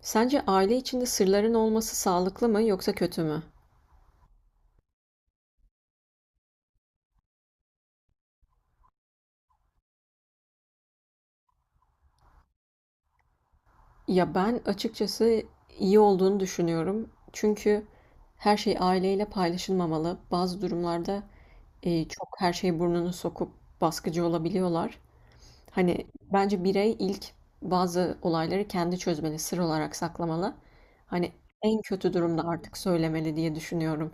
Sence aile içinde sırların olması sağlıklı mı yoksa kötü mü? Ya ben açıkçası iyi olduğunu düşünüyorum. Çünkü her şey aileyle paylaşılmamalı. Bazı durumlarda çok her şeyi burnunu sokup baskıcı olabiliyorlar. Hani bence birey ilk bazı olayları kendi çözmeli, sır olarak saklamalı. Hani en kötü durumda artık söylemeli diye düşünüyorum.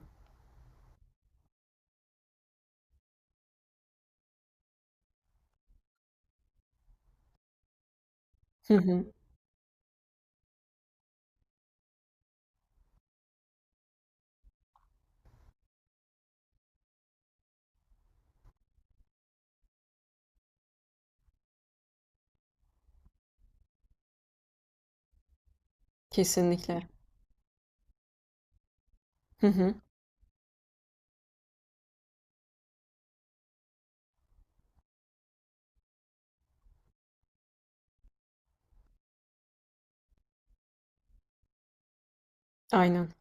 Hı hı, kesinlikle. Hı hı, aynen,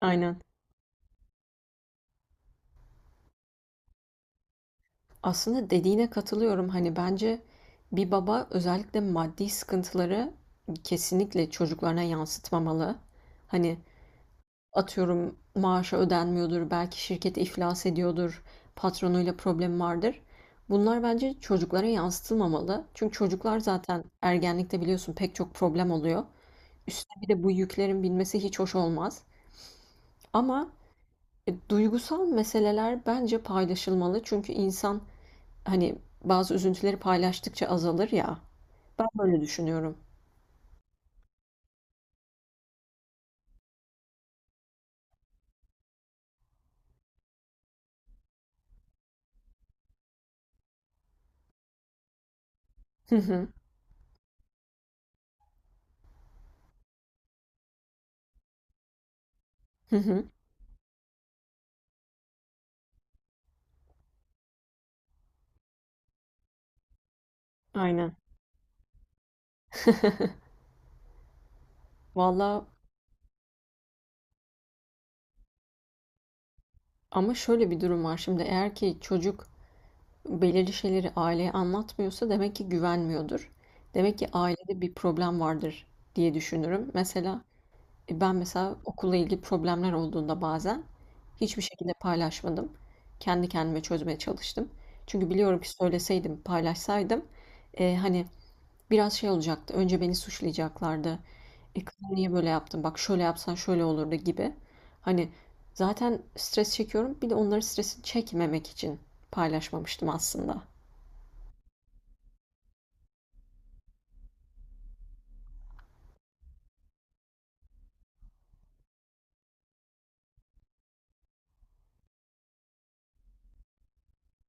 aynen. Aslında dediğine katılıyorum. Hani, bence bir baba özellikle maddi sıkıntıları kesinlikle çocuklarına yansıtmamalı. Hani, atıyorum maaşı ödenmiyordur, belki şirket iflas ediyordur, patronuyla problem vardır. Bunlar bence çocuklara yansıtılmamalı. Çünkü çocuklar zaten ergenlikte biliyorsun pek çok problem oluyor. Üstüne bir de bu yüklerin binmesi hiç hoş olmaz. Ama, duygusal meseleler bence paylaşılmalı. Çünkü insan hani, bazı üzüntüleri paylaştıkça azalır ya. Ben böyle düşünüyorum. Hı hı. Hı hı. Aynen. Valla ama şöyle bir durum var şimdi eğer ki çocuk belirli şeyleri aileye anlatmıyorsa demek ki güvenmiyordur. Demek ki ailede bir problem vardır diye düşünürüm. Mesela, ben mesela okulla ilgili problemler olduğunda bazen hiçbir şekilde paylaşmadım. Kendi kendime çözmeye çalıştım. Çünkü biliyorum ki söyleseydim, paylaşsaydım, eee, hani, biraz şey olacaktı. Önce beni suçlayacaklardı. E kızım niye böyle yaptın? Bak şöyle yapsan şöyle olurdu gibi. Hani zaten stres çekiyorum. Bir de onların stresini çekmemek için paylaşmamıştım aslında.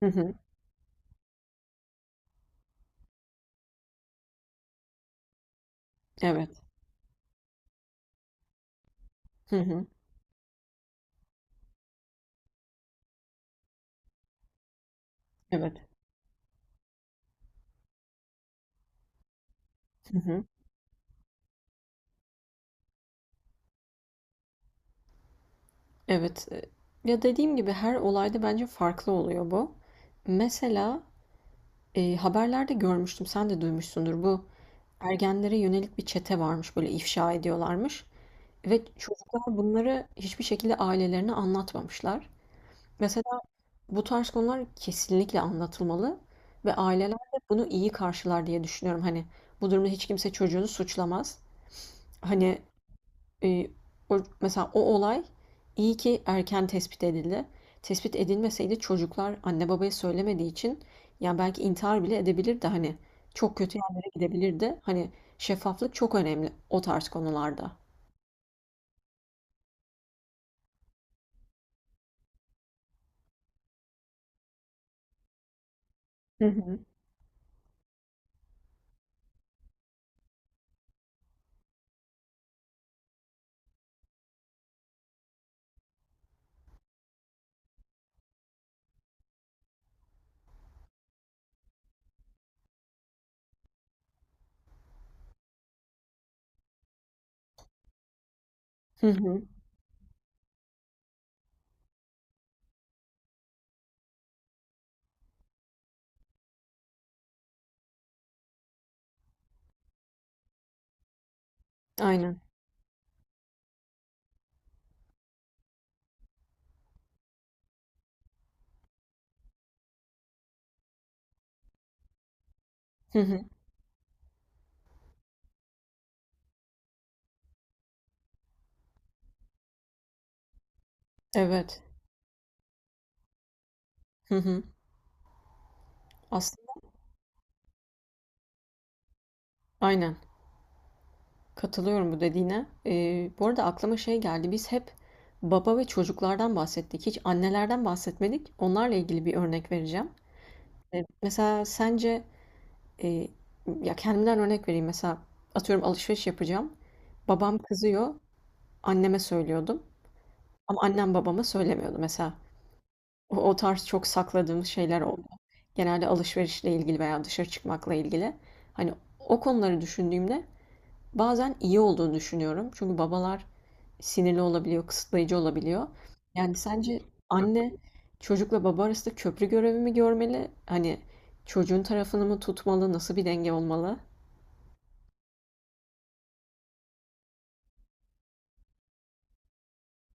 Hı hı. Evet. Hı hı. Evet. Hı hı. Evet. Ya dediğim gibi her olayda bence farklı oluyor bu. Mesela e, haberlerde görmüştüm, sen de duymuşsundur. Bu ergenlere yönelik bir çete varmış, böyle ifşa ediyorlarmış. Ve çocuklar bunları hiçbir şekilde ailelerine anlatmamışlar. Mesela bu tarz konular kesinlikle anlatılmalı ve aileler de bunu iyi karşılar diye düşünüyorum. Hani bu durumda hiç kimse çocuğunu suçlamaz. Hani e, mesela o olay iyi ki erken tespit edildi. Tespit edilmeseydi çocuklar anne babaya söylemediği için ya belki intihar bile edebilirdi hani çok kötü yerlere gidebilirdi. Hani şeffaflık çok önemli o tarz konularda. Hı hı. Hı hı. Aynen. Hı hı. Evet. Hı hı. Aslında aynen. Katılıyorum bu dediğine. Bu arada aklıma şey geldi. Biz hep baba ve çocuklardan bahsettik. Hiç annelerden bahsetmedik. Onlarla ilgili bir örnek vereceğim. Mesela sence Eee, Ya, kendimden örnek vereyim. Mesela atıyorum alışveriş yapacağım. Babam kızıyor, anneme söylüyordum ama annem babama söylemiyordu mesela. O tarz çok sakladığımız şeyler oldu. Genelde alışverişle ilgili veya dışarı çıkmakla ilgili. Hani o konuları düşündüğümde bazen iyi olduğunu düşünüyorum. Çünkü babalar sinirli olabiliyor, kısıtlayıcı olabiliyor. Yani sence anne çocukla baba arasında köprü görevi mi görmeli? Hani çocuğun tarafını mı tutmalı? Nasıl bir denge olmalı?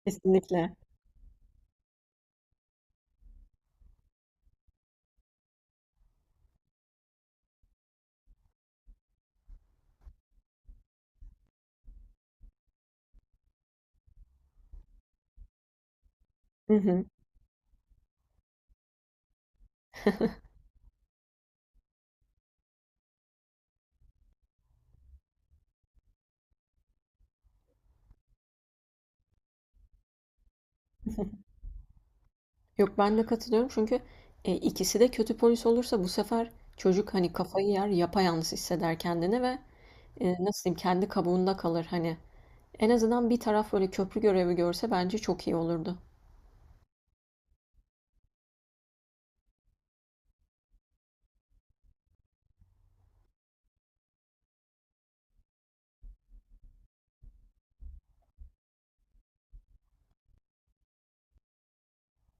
Kesinlikle. Hı hı. Yok, ben de katılıyorum çünkü, ikisi de kötü polis olursa bu sefer çocuk, hani, kafayı yer, yapayalnız hisseder kendini ve, nasıl diyeyim, kendi kabuğunda kalır, hani. En azından bir taraf böyle köprü görevi görse bence çok iyi olurdu.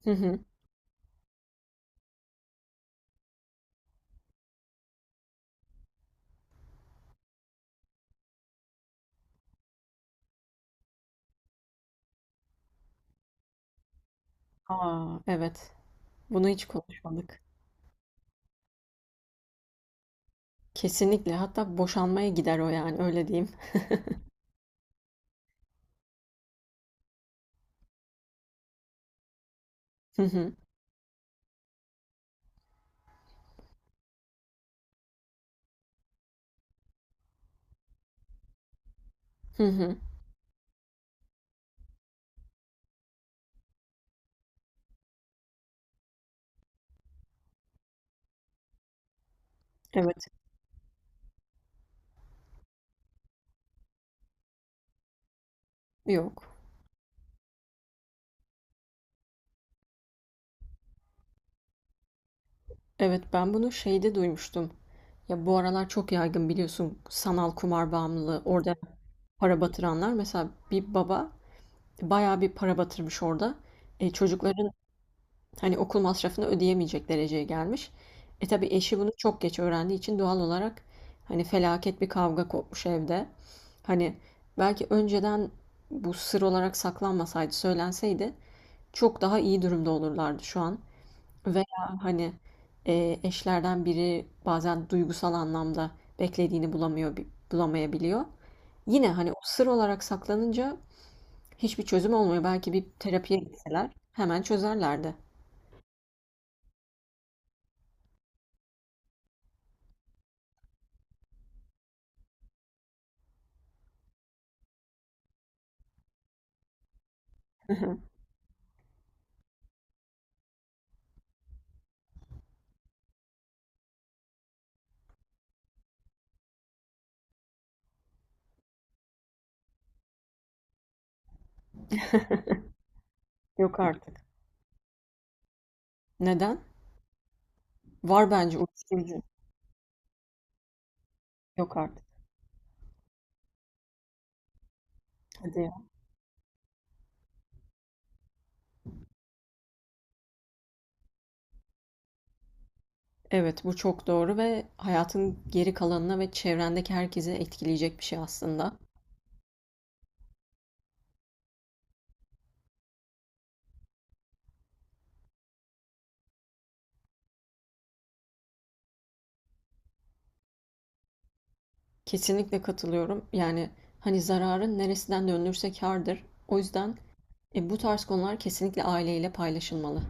Hı hı. A! Evet. Bunu hiç konuşmadık. Kesinlikle. Hatta boşanmaya gider o, yani, öyle diyeyim. Hı hı. Hı hı. Evet. Yok. Evet, ben bunu şeyde duymuştum. Ya, bu aralar çok yaygın biliyorsun sanal kumar bağımlılığı. Orada para batıranlar. Mesela bir baba bayağı bir para batırmış orada. E, çocukların hani okul masrafını ödeyemeyecek dereceye gelmiş. E tabii eşi bunu çok geç öğrendiği için doğal olarak hani felaket bir kavga kopmuş evde. Hani belki önceden bu sır olarak saklanmasaydı, söylenseydi çok daha iyi durumda olurlardı şu an. Veya hani eşlerden biri bazen duygusal anlamda beklediğini bulamıyor, bulamayabiliyor. Yine hani o sır olarak saklanınca hiçbir çözüm olmuyor. Belki bir terapiye gitseler hemen çözerlerdi. Yok artık. Neden? Var bence uyuşturucu. Yok artık. Hadi ya. Evet, bu çok doğru ve hayatın geri kalanına ve çevrendeki herkese etkileyecek bir şey aslında. Kesinlikle katılıyorum. Yani hani zararın neresinden dönülürse kârdır. O yüzden bu tarz konular kesinlikle aileyle paylaşılmalı.